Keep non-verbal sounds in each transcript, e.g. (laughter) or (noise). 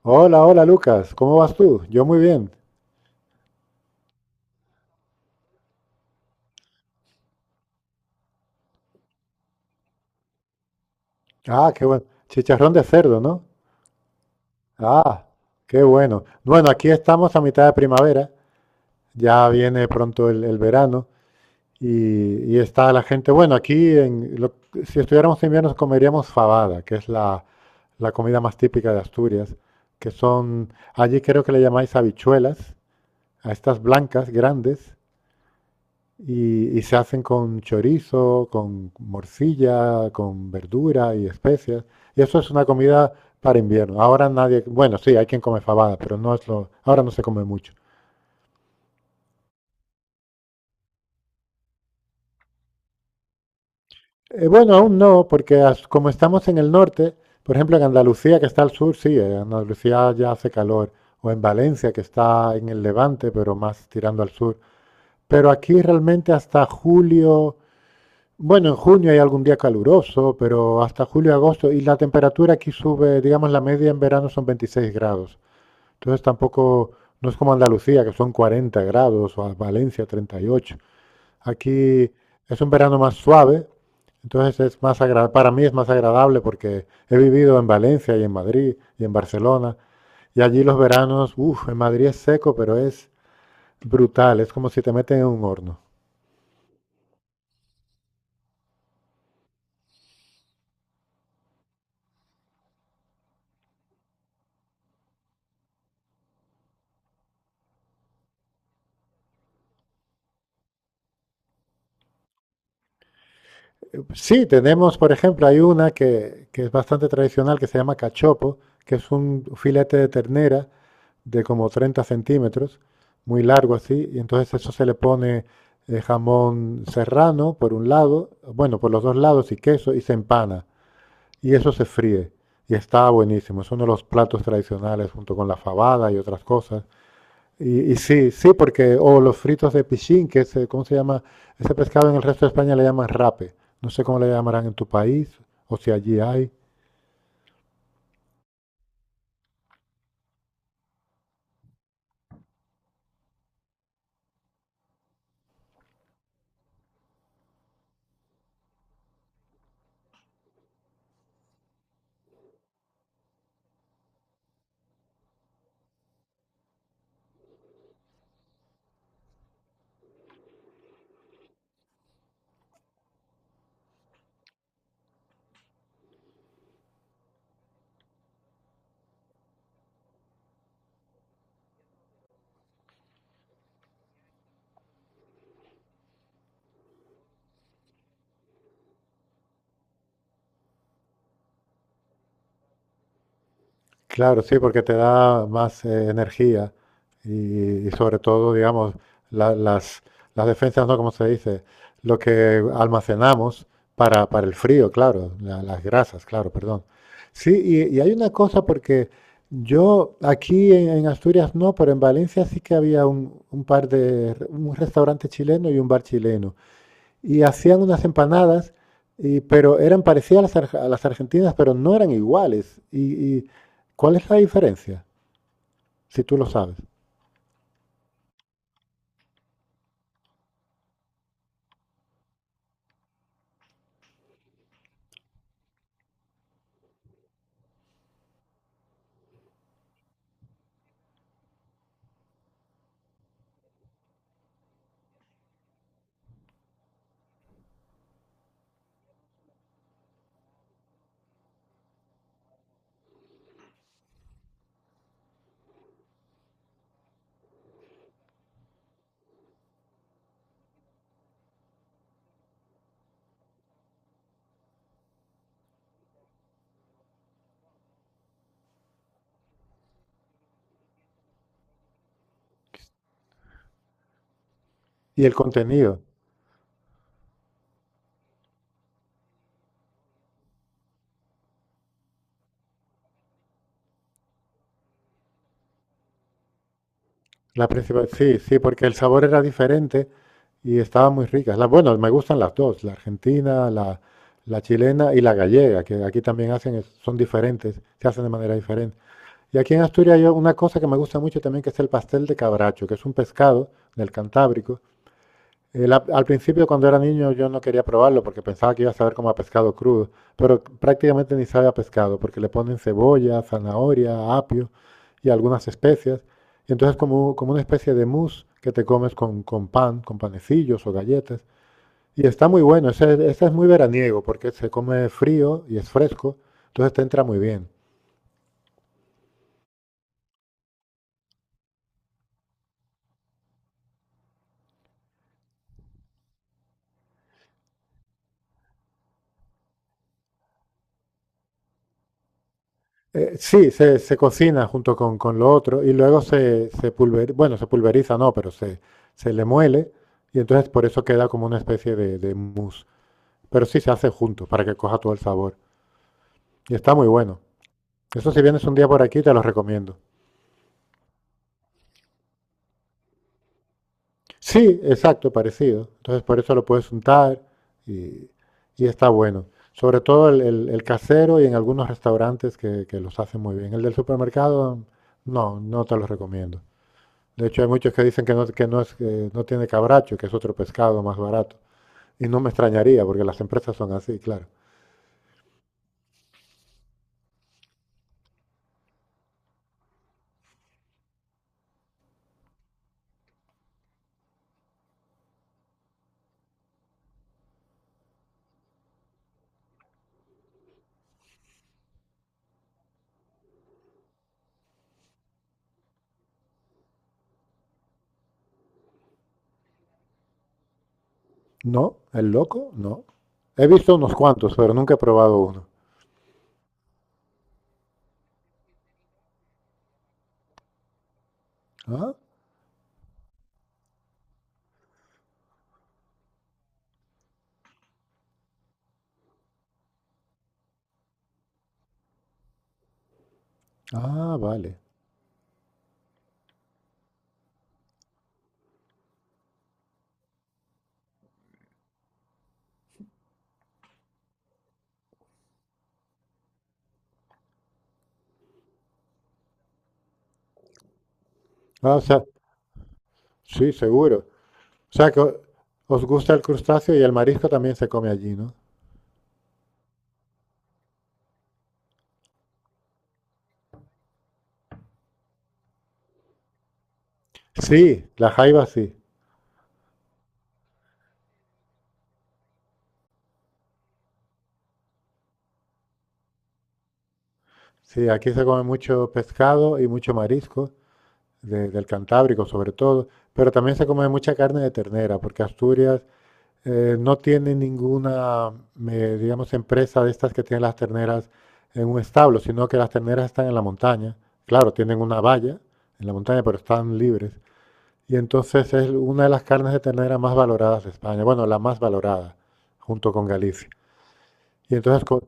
Hola, hola Lucas, ¿cómo vas tú? Yo muy bien. Ah, qué bueno. Chicharrón de cerdo, ¿no? Ah, qué bueno. Bueno, aquí estamos a mitad de primavera, ya viene pronto el verano y está la gente. Bueno, si estuviéramos en invierno comeríamos fabada, que es la comida más típica de Asturias, que son, allí creo que le llamáis habichuelas, a estas blancas grandes. Y se hacen con chorizo, con morcilla, con verdura y especias. Y eso es una comida para invierno. Ahora nadie, bueno, sí, hay quien come fabada, pero ahora no se come mucho. Bueno, aún no, porque como estamos en el norte, por ejemplo, en Andalucía, que está al sur, sí, en Andalucía ya hace calor, o en Valencia, que está en el levante, pero más tirando al sur. Pero aquí realmente hasta julio. Bueno, en junio hay algún día caluroso, pero hasta julio agosto. Y la temperatura aquí sube, digamos, la media en verano son 26 grados. Entonces tampoco, no es como Andalucía, que son 40 grados, o a Valencia 38. Aquí es un verano más suave, entonces para mí es más agradable porque he vivido en Valencia y en Madrid y en Barcelona. Y allí los veranos, uff, en Madrid es seco, pero es brutal, es como si te meten en un horno. Sí, tenemos, por ejemplo, hay una que es bastante tradicional que se llama cachopo, que es un filete de ternera de como 30 centímetros, muy largo así, y entonces eso se le pone jamón serrano por un lado, bueno, por los dos lados y queso, y se empana, y eso se fríe, y está buenísimo, es uno de los platos tradicionales junto con la fabada y otras cosas. Y, sí, sí, porque, o los fritos de pichín, que es, ¿cómo se llama? Ese pescado en el resto de España le llaman rape. No sé cómo le llamarán en tu país, o si allí hay. Claro, sí, porque te da más energía y sobre todo, digamos, la- las, las defensas, ¿no? Como se dice, lo que almacenamos para el frío, claro, las grasas, claro, perdón. Sí, y hay una cosa porque yo aquí en Asturias no, pero en Valencia sí que había un restaurante chileno y un bar chileno y hacían unas empanadas, pero eran parecidas a las argentinas, pero no eran iguales. Y, ¿cuál es la diferencia? Si tú lo sabes. Y el contenido, la principal, sí, sí, porque el sabor era diferente y estaban muy ricas. Bueno, me gustan las dos, la argentina, la chilena y la gallega, que aquí también hacen, son diferentes, se hacen de manera diferente. Y aquí en Asturias hay una cosa que me gusta mucho también, que es el pastel de cabracho, que es un pescado del Cantábrico. Al principio, cuando era niño, yo no quería probarlo porque pensaba que iba a saber como a pescado crudo, pero prácticamente ni sabe a pescado porque le ponen cebolla, zanahoria, apio y algunas especias. Y entonces como una especie de mousse que te comes con pan, con panecillos o galletas. Y está muy bueno, ese es muy veraniego porque se come frío y es fresco, entonces te entra muy bien. Sí, se cocina junto con lo otro y luego se pulveriza, bueno, se pulveriza no, pero se le muele y entonces por eso queda como una especie de mousse. Pero sí se hace junto para que coja todo el sabor. Y está muy bueno. Eso si vienes un día por aquí te lo recomiendo. Sí, exacto, parecido. Entonces por eso lo puedes untar y, y está bueno. Sobre todo el casero y en algunos restaurantes que los hacen muy bien. El del supermercado, no, no te lo recomiendo. De hecho, hay muchos que dicen que no, que no tiene cabracho, que es otro pescado más barato. Y no me extrañaría, porque las empresas son así, claro. No, el loco, no. He visto unos cuantos, pero nunca he probado uno. Ah, ah, vale. Ah, o sea, sí, seguro. O sea que os gusta el crustáceo y el marisco también se come allí, ¿no? Sí, la jaiba sí. Sí, aquí se come mucho pescado y mucho marisco, del Cantábrico sobre todo, pero también se come mucha carne de ternera, porque Asturias no tiene ninguna, digamos, empresa de estas que tienen las terneras en un establo, sino que las terneras están en la montaña. Claro, tienen una valla en la montaña, pero están libres. Y entonces es una de las carnes de ternera más valoradas de España. Bueno, la más valorada, junto con Galicia. Y entonces, co-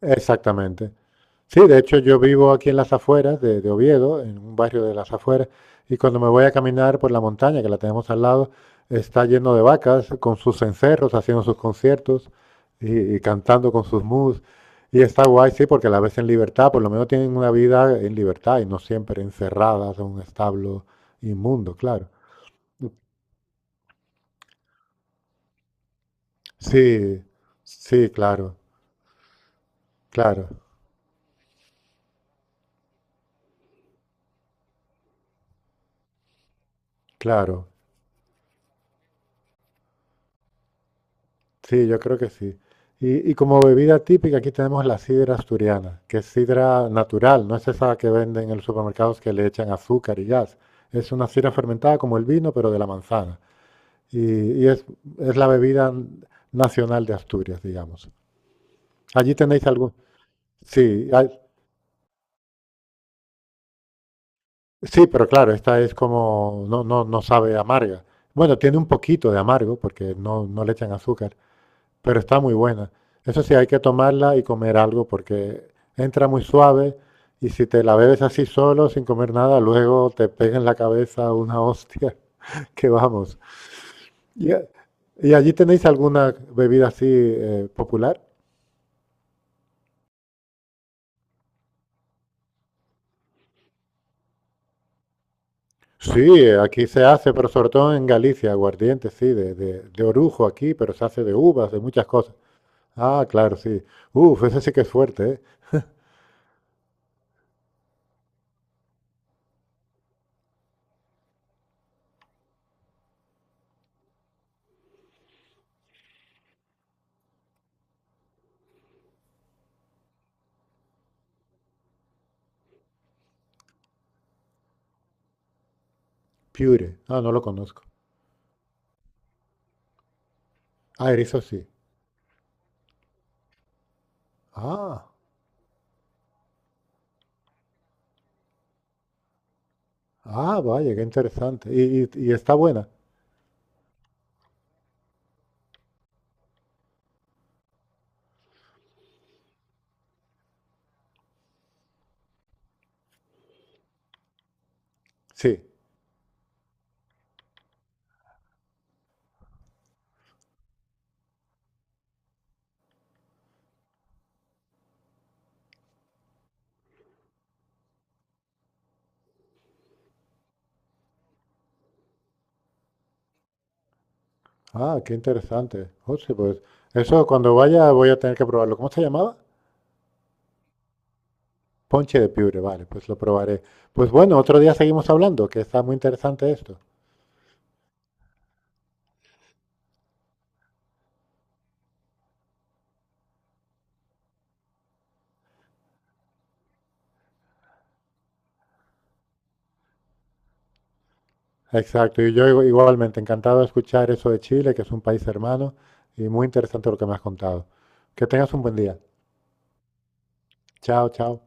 exactamente. Sí, de hecho yo vivo aquí en las afueras de Oviedo, en un barrio de las afueras, y cuando me voy a caminar por la montaña, que la tenemos al lado, está lleno de vacas con sus encerros, haciendo sus conciertos y cantando con sus mus. Y está guay, sí, porque la ves en libertad, por lo menos tienen una vida en libertad y no siempre encerradas en un establo inmundo, claro. Sí, sí, claro, claro, claro. Sí, yo creo que sí. Y, como bebida típica, aquí tenemos la sidra asturiana, que es sidra natural, no es esa que venden en los supermercados que le echan azúcar y gas. Es una sidra fermentada como el vino, pero de la manzana. Y, y es la bebida nacional de Asturias, digamos. Allí tenéis algún... Sí, hay- sí, pero claro, esta es como... No, no, no sabe amarga. Bueno, tiene un poquito de amargo porque no, no le echan azúcar. Pero está muy buena. Eso sí, hay que tomarla y comer algo porque entra muy suave y si te la bebes así solo, sin comer nada, luego te pega en la cabeza una hostia (laughs) que vamos. ¿Y, y, allí tenéis alguna bebida así popular? Sí, aquí se hace, pero sobre todo en Galicia, aguardiente, sí, de orujo aquí, pero se hace de uvas, de muchas cosas. Ah, claro, sí. Uf, ese sí que es fuerte, ¿eh? Pure. Ah, no lo conozco. Ah, erizo sí. Ah. Ah, vaya, qué interesante. ¿Y está buena? Sí. Ah, qué interesante. Oh, sí, pues eso cuando vaya voy a tener que probarlo. ¿Cómo se llamaba? Ponche de piure, vale, pues lo probaré. Pues bueno, otro día seguimos hablando, que está muy interesante esto. Exacto, y yo igualmente encantado de escuchar eso de Chile, que es un país hermano, y muy interesante lo que me has contado. Que tengas un buen día. Chao, chao.